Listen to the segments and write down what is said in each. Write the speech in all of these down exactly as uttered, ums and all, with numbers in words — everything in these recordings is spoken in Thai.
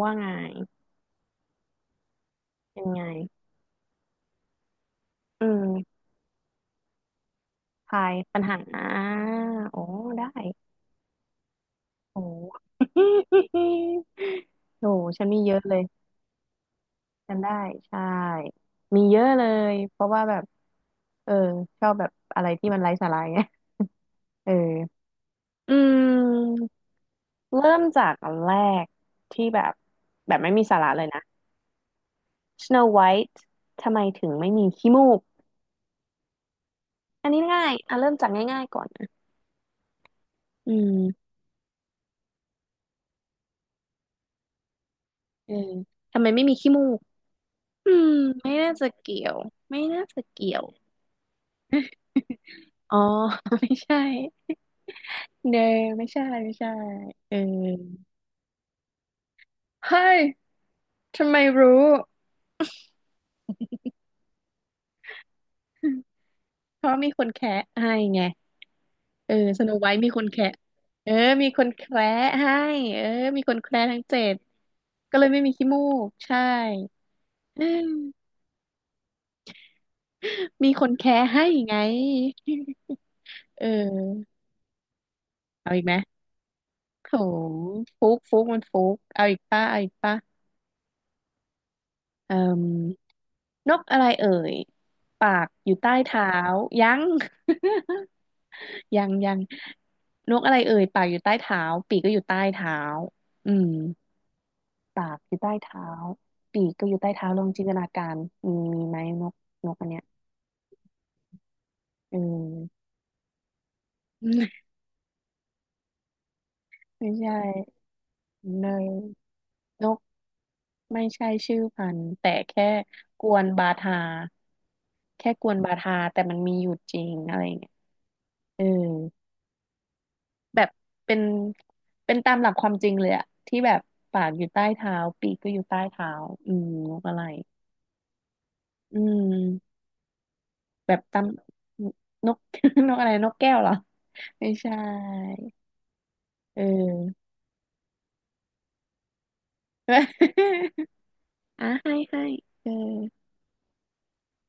ว่าไงเป็นไงอืมทายปัญหาอ่าโอ้ได้โอ้ โอ้ฉันมีเยอะเลย ฉันได้ ใช่ มีเยอะเลยเพราะว่าแบบเออชอบแบบอะไรที่มันไร้สาระไง เอออืมเริ่มจากอันแรกที่แบบแบบไม่มีสาระเลยนะ Snow White ทำไมถึงไม่มีขี้มูกอันนี้ง่ายอ่ะเริ่มจากง่ายๆก่อนนะอืมเออทำไมไม่มีขี้มูก อืมไม่น่าจะเกี่ยวไม่น่าจะเกี่ยวอ๋อ ไม่ใช่เนอไม่ใช่ไม่ใช่เออเฮ้ยทำไมรู้ เพราะมีคนแคะให้ไงเออสโนไวท์มีคนแคะเออมีคนแคระให้เออมีคนแคระทั้งเจ็ดก็เลยไม่มีขี้มูกใช่อืมมีคนแคระให้ไงเออเอาอีกไหมโถฟุกฟุกมันฟุกเอาอีกป่ะเอาอีกป่ะเออ นกอะไรเอ่ยปากอยู่ใต้เท้ายัง ยังยังนกอะไรเอ่ยปากอยู่ใต้เท้าปีกก็อยู่ใต้เท้าอืมปากอยู่ใต้เท้าปีกก็อยู่ใต้เท้าลองจินตนาการมีมีไหมนกนกอันเนี้ยอืม ไม่ใช่เนยนกไม่ใช่ชื่อพันธุ์แต่แค่กวนบาทาแค่กวนบาทาแต่มันมีอยู่จริงอะไรอย่างเงี้ยเออ แบบเป็นเป็นตามหลักความจริงเลยอะที่แบบปากอยู่ใต้เท้าปีกก็อยู่ใต้เท้าอืมนกอะไรอืมแบบตามนก นกอะไรนกแก้วเหรอไม่ใช่เออ อ่ะให้ให้เออ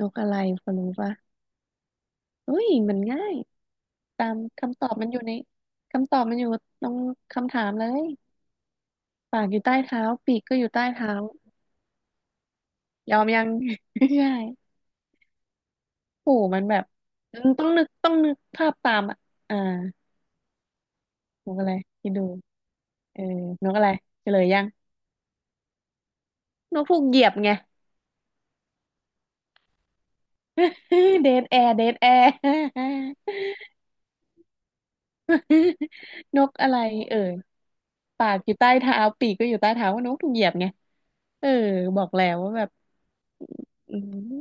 นกอะไรพอรู้ปะเฮ้ยมันง่ายตามคำตอบมันอยู่ในคำตอบมันอยู่ตรงคำถามเลยปากอยู่ใต้เท้าปีกก็อยู่ใต้เท้ายอมยัง ไม่ใช่ โหมันแบบต้องนึกต้องนึกภาพตามอ่ะอ่านกอะไรคิดดูเออนกอะไรเฉลยยังนกถูกเหยียบไง เดดแอร์เดดแอร์ นกอะไรเอ่ยปากอยู่ใต้เท้าปีกก็อยู่ใต้เท้าว่านกถูกเหยียบไงเออบอกแล้วว่าแบบ อืม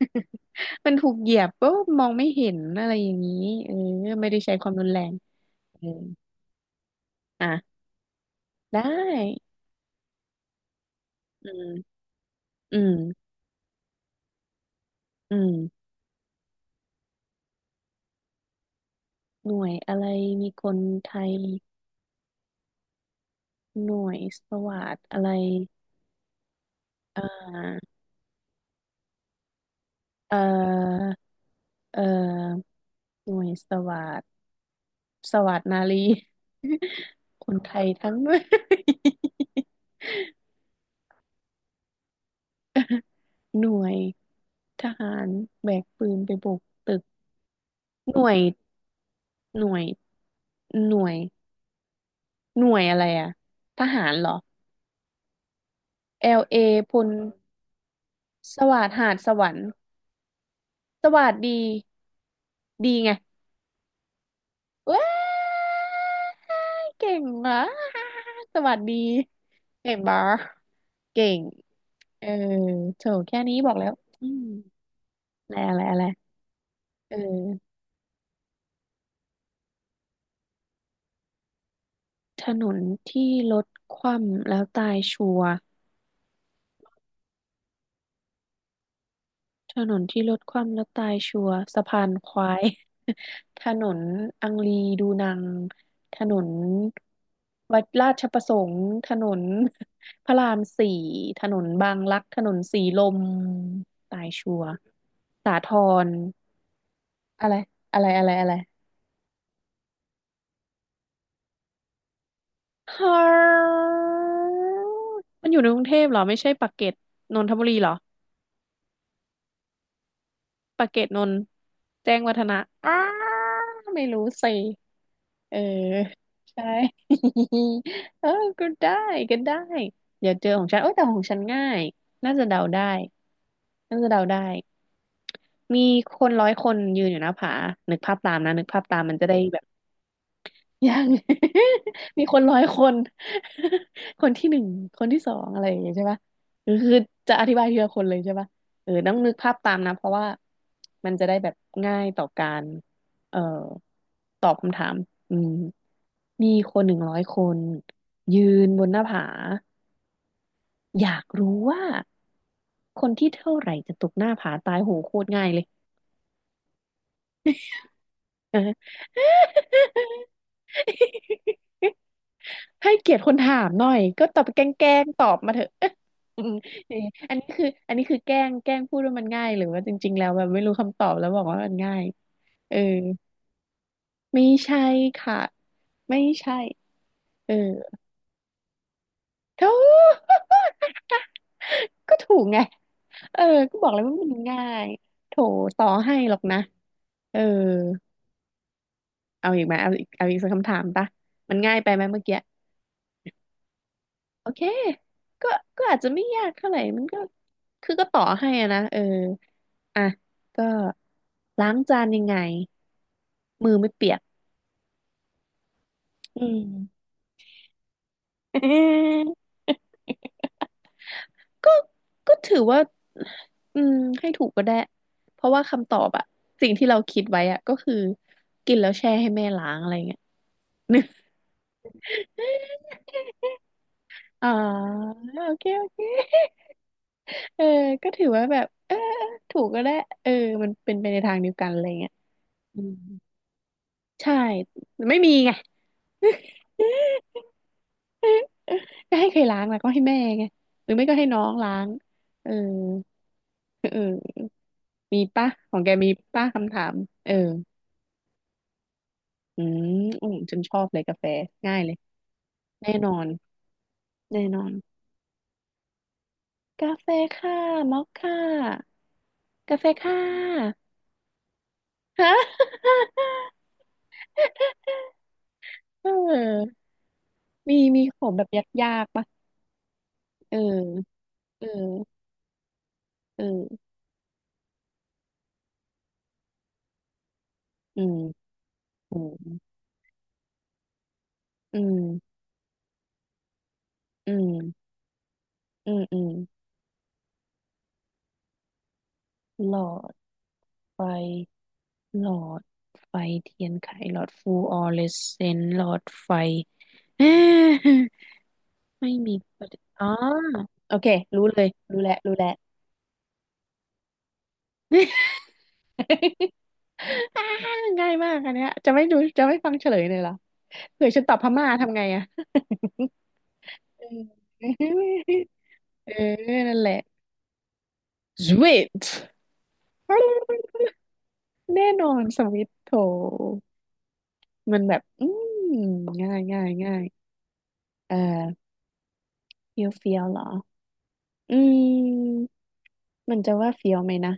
มันถูกเหยียบก็มองไม่เห็นอะไรอย่างนี้เออไม่ได้ใช้ความรุนแรงเอออ่ะได้อืมอืมอืม หน่วยอะไรมีกลไกหน่วยสวัสดอะไรอ่าเอ่อเอ่อหน่วยสวัสดสวัสดนารี คนไทยทั้งด้วย หน่วยทหารแบกปืนไปบุกตึกหน่วยหน่วยหน่วยหน่วยอะไรอะทหารเหรอ แอล เอ พลสวัสดหาดสวรรค์สวัสดีดีไง ว้ายเก่งมากสวัสดีเก่งบาร์เก่งเออโถแค่นี้บอกแล้วอืมอะไรอะไรอะไรเออถนนที่รถคว่ำแล้วตายชัวร์ ถนนที่รถคว่ำแล้วตายชัวร์สะพานควาย ถนนอังรีดูนังถนนวัดราชประสงค์ถนน พระรามสี่ถนนบางรักถนนสีลมตายชัวร์สาทรอะไรอะไรอะไรอะไรฮามันอยู่ในกรุงเทพเหรอไม่ใช่ปากเกร็ดนนทบุรีเหรอปากเกร็ดนนท์แจ้งวัฒนะอ้าไม่รู้สิ เออใช่ เออก็ได้ก็ได้เดี๋ยวเจอของฉันเอ้ยแต่ของฉันง่ายน่าจะเดาได้น่าจะเดาได้มีคนร้อยคนยืนอยู่หน้าผานึกภาพตามนะนึกภาพตามมันจะได้แบบ ยัง มีคนร้อยคน คนที่หนึ่งคนที่สองอะไรอย่างเงี้ยใช่ปะคือคือจะอธิบายทีละคนเลยใช่ปะเออต้องนึกภาพตามนะเพราะว่ามันจะได้แบบง่ายต่อการเอ่อตอบคำถามอืมมีคนหนึ่งร้อยคนยืนบนหน้าผาอยากรู้ว่าคนที่เท่าไหร่จะตกหน้าผาตายโหโคตรง่ายเลยเออ ให้เกียรติคนถามหน่อยก็ตอบแกล้งแกล้งตอบมาเถอะ อืมอันนี้คืออันนี้คือแกล้งแกล้งพูดว่ามันง่ายหรือว่าจริงๆแล้วแบบไม่รู้คำตอบแล้วบอกว่ามันง่ายเออไม่ใช่ค่ะไม่ใช่เออเท่า ก็ถูกไงเออก็บอกเลยว่ามันง่ายโถต่อให้หรอกนะเออเอาอีกไหมเอาอีกเอาอีกสักคำถามปะมันง่ายไปไหมเมื่อกี้ โอเค ก็ก็อาจจะไม่ยากเท่าไหร่มันก็คือก็ต่อให้อะนะเอออ่ะก็ล้างจานยังไง มือไม่เปียกอืม เออก็ก็ถือว่าอืมให้ถูกก็ได้เพราะว่าคำตอบอะสิ่งที่เราคิดไว้อะก็คือกินแล้วแช่ให้แม่ล้างอะไรเงี้ย อ๋อโอเคโอเคเออก็ถือว่าแบบเออถูกก็ได้เออมันเป็นไปในทางเดียวกันอะไรเงี้ยอืมใช่ไม่มีไง ก็ให้ใครล้างล่ะก็ให้แม่ไงหรือไม่ก็ให้น้องล้างเออเออมีปะของแกมีปะคำถามเอออืมอืมฉันชอบเลยกาแฟง่ายเลยแน่นอนแน่นอนกาแฟค่ะมอคค่ะกาแฟค่ะฮะ เออมีมีของแบบยากๆปะเออเออเอออืมอืมอืมอืมอืมอืมหลอดไฟ หลอดไฟเทียนไขหลอดฟลูออเรสเซนต์หลอดไฟเอ๊ะ ไม่มีประเด็นอ๋อโอเครู้เลยรู้แล้วรู้แล้ว อ่าง่ายมากอันเนี้ยจะไม่ดูจะไม่ฟังเฉลยเลยเหรอเผื่อฉันตอบพม่าทำไงอะ เออเออนั่นแหละสวิต แน่นอนสวิตโถมันแบบอืมง่ายง่ายง่ายเออเฟี้ยวเฟี้ยวเหรอ อืมมันจะว่าเฟี้ยวไหมนะ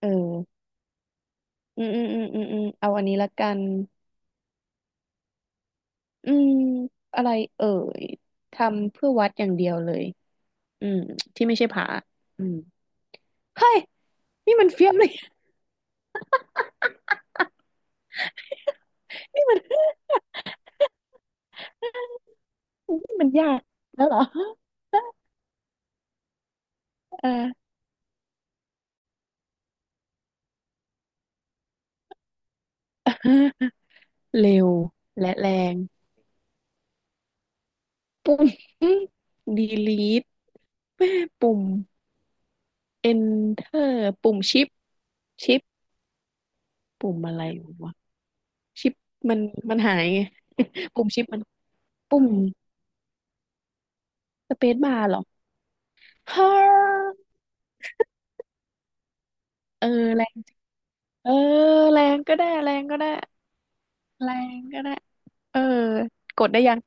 เอออืมอืมอืมอืมอืมเอาอันนี้ละกันอืมอะไรเอ่ยทำเพื่อวัดอย่างเดียวเลยอืมที่ไม่ใช่ผาอืมเฮ้ยนี่มันเฟี้ยวเลย นี่มันนี่มันยากแล้วเหรอเออ เร็วและแรงปุ่ม delete ปุ่ม enter ปุ่มชิปชิปปุ่มอะไรวะชิปมันมันหายไง ปุ่มชิปมัน ปุ่มสเปซบาร์เหรอฮ่าเออแรงเออแรงก็ได้แรงก็ได้แรงก็ได้ เออกดได้ยัง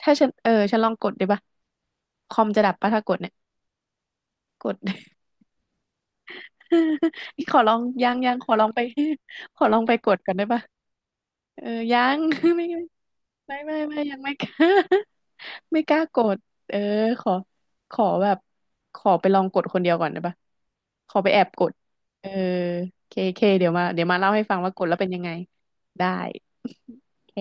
ถ้าฉันเออฉันลองกดดีป่ะคอมจะดับป่ะถ้ากดเนี่ยกด ขอลองยังยังขอลองไป ขอลองไปกดก่อนได้ปะเออยัง ไม่ไม่ไม่ไม่ไม่ยังไม่ กล้า ไม่กล้ากดเออขอขอแบบขอไปลองกดคนเดียวก่อนได้ปะขอไปแอบกดเออเคเคเดี๋ยวมาเดี๋ยวมาเล่าให้ฟังว่ากดแล้วเป็นยังไงได้โอเค